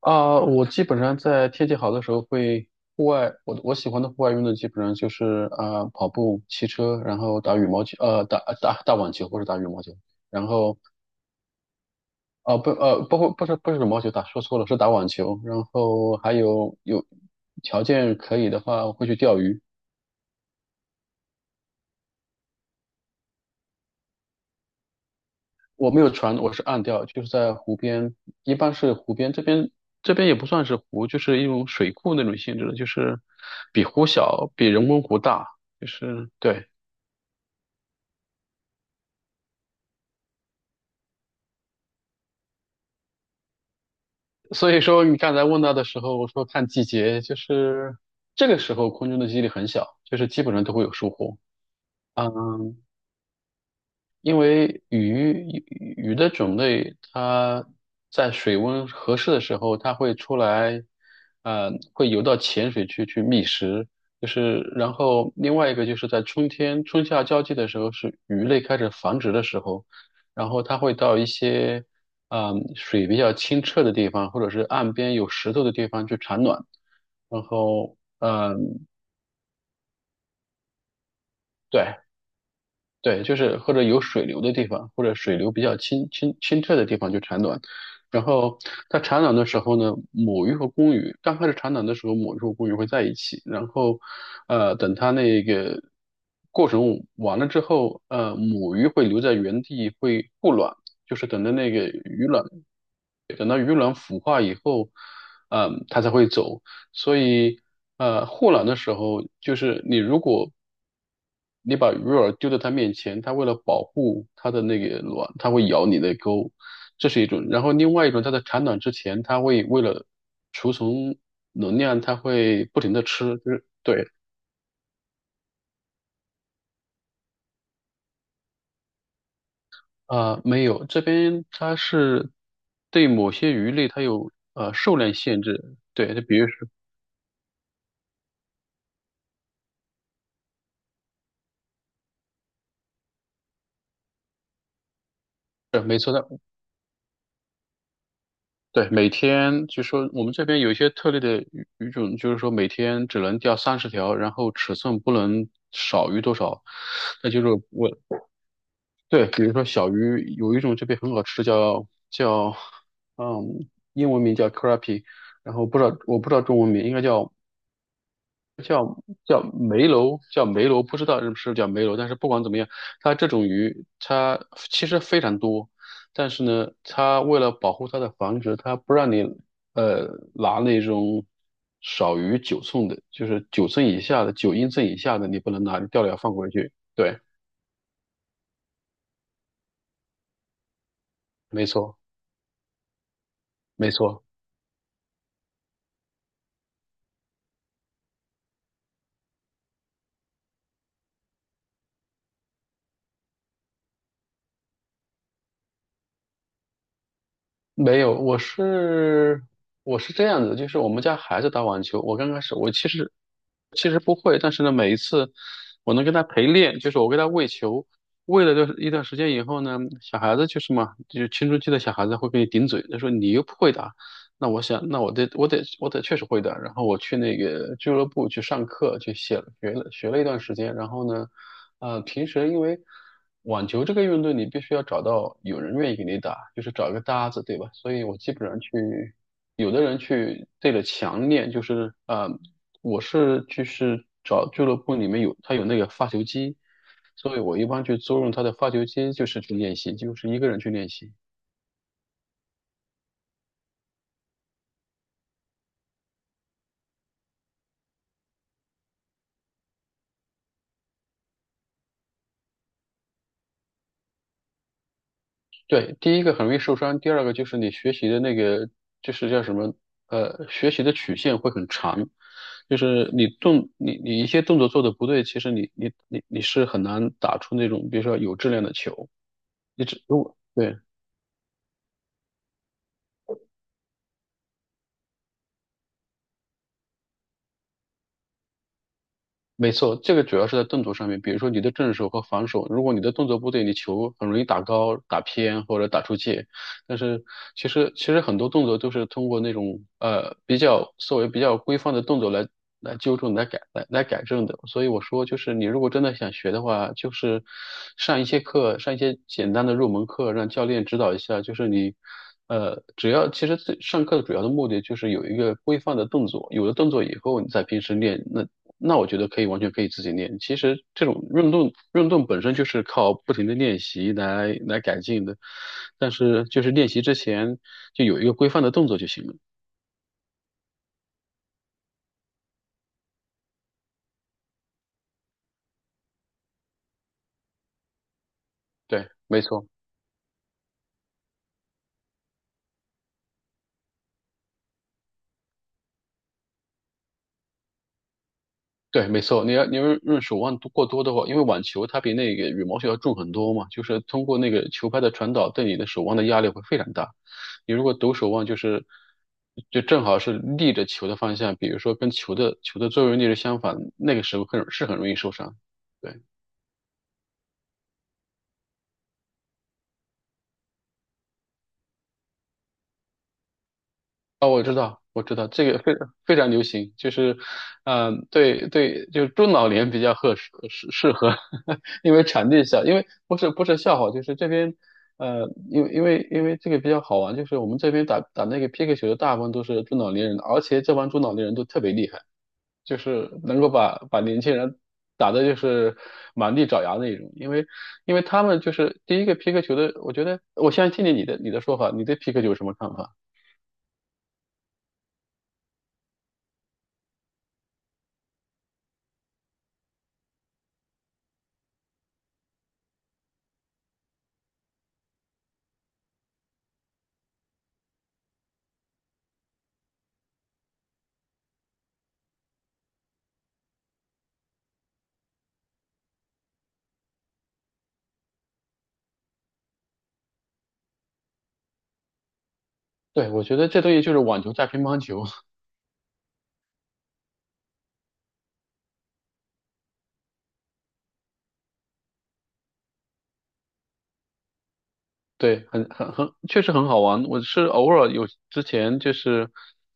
我基本上在天气好的时候会户外。我喜欢的户外运动基本上就是跑步、骑车，然后打羽毛球，打网球或者打羽毛球。然后不包括不是羽毛球，打说错了，是打网球。然后还有条件可以的话会去钓鱼。我没有船，我是岸钓，就是在湖边，一般是湖边这边也不算是湖，就是一种水库那种性质的，就是比湖小，比人工湖大，就是对。所以说，你刚才问到的时候，我说看季节，就是这个时候空中的几率很小，就是基本上都会有疏忽。啊因为鱼的种类，它在水温合适的时候，它会出来，会游到浅水区去觅食。就是，然后另外一个就是在春夏交际的时候，是鱼类开始繁殖的时候，然后它会到一些，水比较清澈的地方，或者是岸边有石头的地方去产卵。然后，对，对，就是或者有水流的地方，或者水流比较清澈的地方就产卵。然后它产卵的时候呢，母鱼和公鱼刚开始产卵的时候，母鱼和公鱼会在一起。然后，等它那个过程完了之后，母鱼会留在原地，会护卵，就是等着那个鱼卵。等到鱼卵孵化以后，它才会走。所以，护卵的时候，就是你如果你把鱼饵丢在它面前，它为了保护它的那个卵，它会咬你的钩，这是一种。然后另外一种，它在产卵之前，它会为了储存能量，它会不停的吃，就是对。没有，这边它是对某些鱼类它有数量限制。对，就比如说，没错，的。对，每天是说我们这边有一些特例的鱼种，就是说每天只能钓30条，然后尺寸不能少于多少。那就是我，对，比如说小鱼，有一种这边很好吃，叫,英文名叫 crappie,然后不知道中文名，应该叫梅楼，叫梅楼，不知道是不是叫梅楼。但是不管怎么样，它这种鱼它其实非常多。但是呢，它为了保护它的繁殖，它不让你呃拿那种少于九寸的，就是九寸以下的，9英寸以下的，你不能拿，钓了要放回去。对，没错，没错。没有，我是这样子，就是我们家孩子打网球，我刚开始我其实不会。但是呢，每一次我能跟他陪练，就是我给他喂球。喂了一段时间以后呢，小孩子就是嘛，就是青春期的小孩子会跟你顶嘴，他说你又不会打。那我想，那我得确实会的。然后我去那个俱乐部去上课，去写了学了学了一段时间。然后呢，平时因为网球这个运动，你必须要找到有人愿意给你打，就是找一个搭子，对吧？所以我基本上去，有的人去对着墙练，就是我是就是找俱乐部里面有他有那个发球机，所以我一般去租用他的发球机，就是去练习，就是一个人去练习。对，第一个很容易受伤，第二个就是你学习的那个，就是叫什么，学习的曲线会很长，就是你一些动作做的不对，其实你是很难打出那种，比如说有质量的球。你只如果对。没错，这个主要是在动作上面，比如说你的正手和防守，如果你的动作不对，你球很容易打高、打偏或者打出界。但是其实很多动作都是通过那种比较所谓比较规范的动作来纠正、来改、来改正的。所以我说，就是你如果真的想学的话，就是上一些课，上一些简单的入门课，让教练指导一下，就是你。只要其实最上课的主要的目的就是有一个规范的动作，有了动作以后，你在平时练，那我觉得可以完全可以自己练。其实这种运动本身就是靠不停的练习来改进的，但是就是练习之前就有一个规范的动作就行了。对，没错，对，没错。你要用手腕过多的话，因为网球它比那个羽毛球要重很多嘛，就是通过那个球拍的传导对你的手腕的压力会非常大。你如果抖手腕，就是就正好是逆着球的方向，比如说跟球的作用力是相反，那个时候很是很容易受伤。对。哦，我知道，我知道，这个非常流行，就是，对对，就是中老年比较合适，因为场地小，因为不是笑话，就是这边，因为这个比较好玩，就是我们这边打那个皮克球的大部分都是中老年人，而且这帮中老年人都特别厉害，就是能够把年轻人打的就是满地找牙那一种。因为他们就是第一个皮克球的，我觉得我先听听你的说法，你对皮克球有什么看法？对，我觉得这东西就是网球加乒乓球。对，很很很，确实很好玩。我是偶尔有之前就是，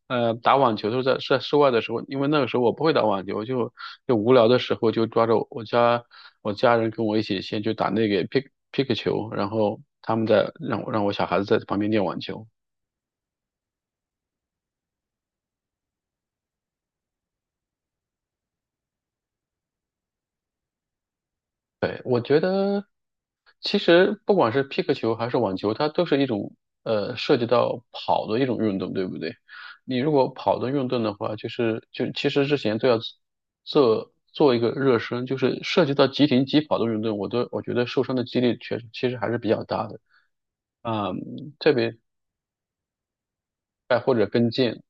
打网球都是在室外的时候，因为那个时候我不会打网球，就无聊的时候就抓着我家人跟我一起先去打那个 pick 球，然后他们在让我小孩子在旁边练网球。其实不管是皮克球还是网球，它都是一种涉及到跑的一种运动，对不对？你如果跑的运动的话，就是就其实之前都要做一个热身，就是涉及到急停急跑的运动，我都我觉得受伤的几率确实其实还是比较大的。啊，特别或者跟腱，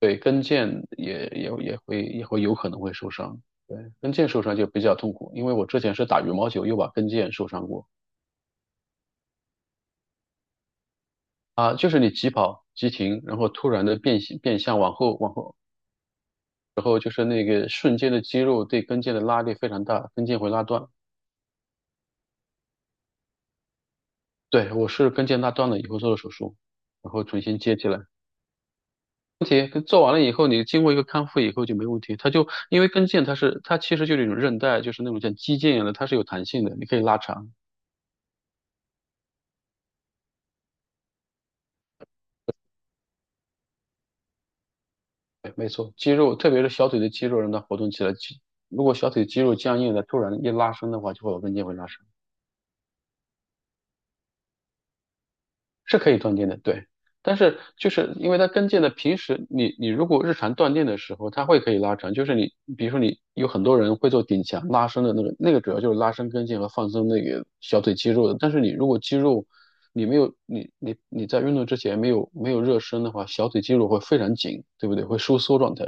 对跟腱也会有可能会受伤。对跟腱受伤就比较痛苦，因为我之前是打羽毛球又把跟腱受伤过。就是你急跑、急停，然后突然的变形、变向，往后、往后，然后就是那个瞬间的肌肉对跟腱的拉力非常大，跟腱会拉断。对，我是跟腱拉断了以后做的手术，然后重新接起来。问题跟做完了以后，你经过一个康复以后就没问题。它就因为跟腱它是它其实就是一种韧带，就是那种像肌腱一样的，它是有弹性的，你可以拉长。对，没错，肌肉特别是小腿的肌肉让它活动起来，如果小腿肌肉僵硬的，突然一拉伸的话，就会有跟腱会拉伤。是可以断电的，对。但是就是因为它跟腱的，平时你你如果日常断电的时候，它会可以拉长。就是你比如说你有很多人会做顶墙拉伸的那个，那个主要就是拉伸跟腱和放松那个小腿肌肉的。但是你如果肌肉你没有你在运动之前没有热身的话，小腿肌肉会非常紧，对不对？会收缩状态。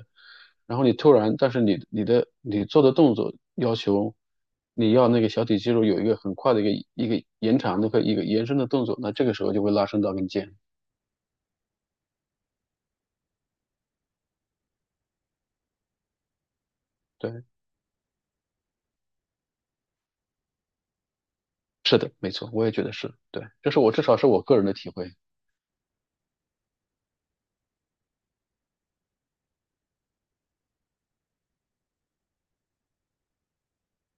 然后你突然，但是你做的动作要求你要那个小腿肌肉有一个很快的一个延长的和一个延伸的动作，那这个时候就会拉伸到跟腱。对，是的，没错，我也觉得是对，这是我至少是我个人的体会。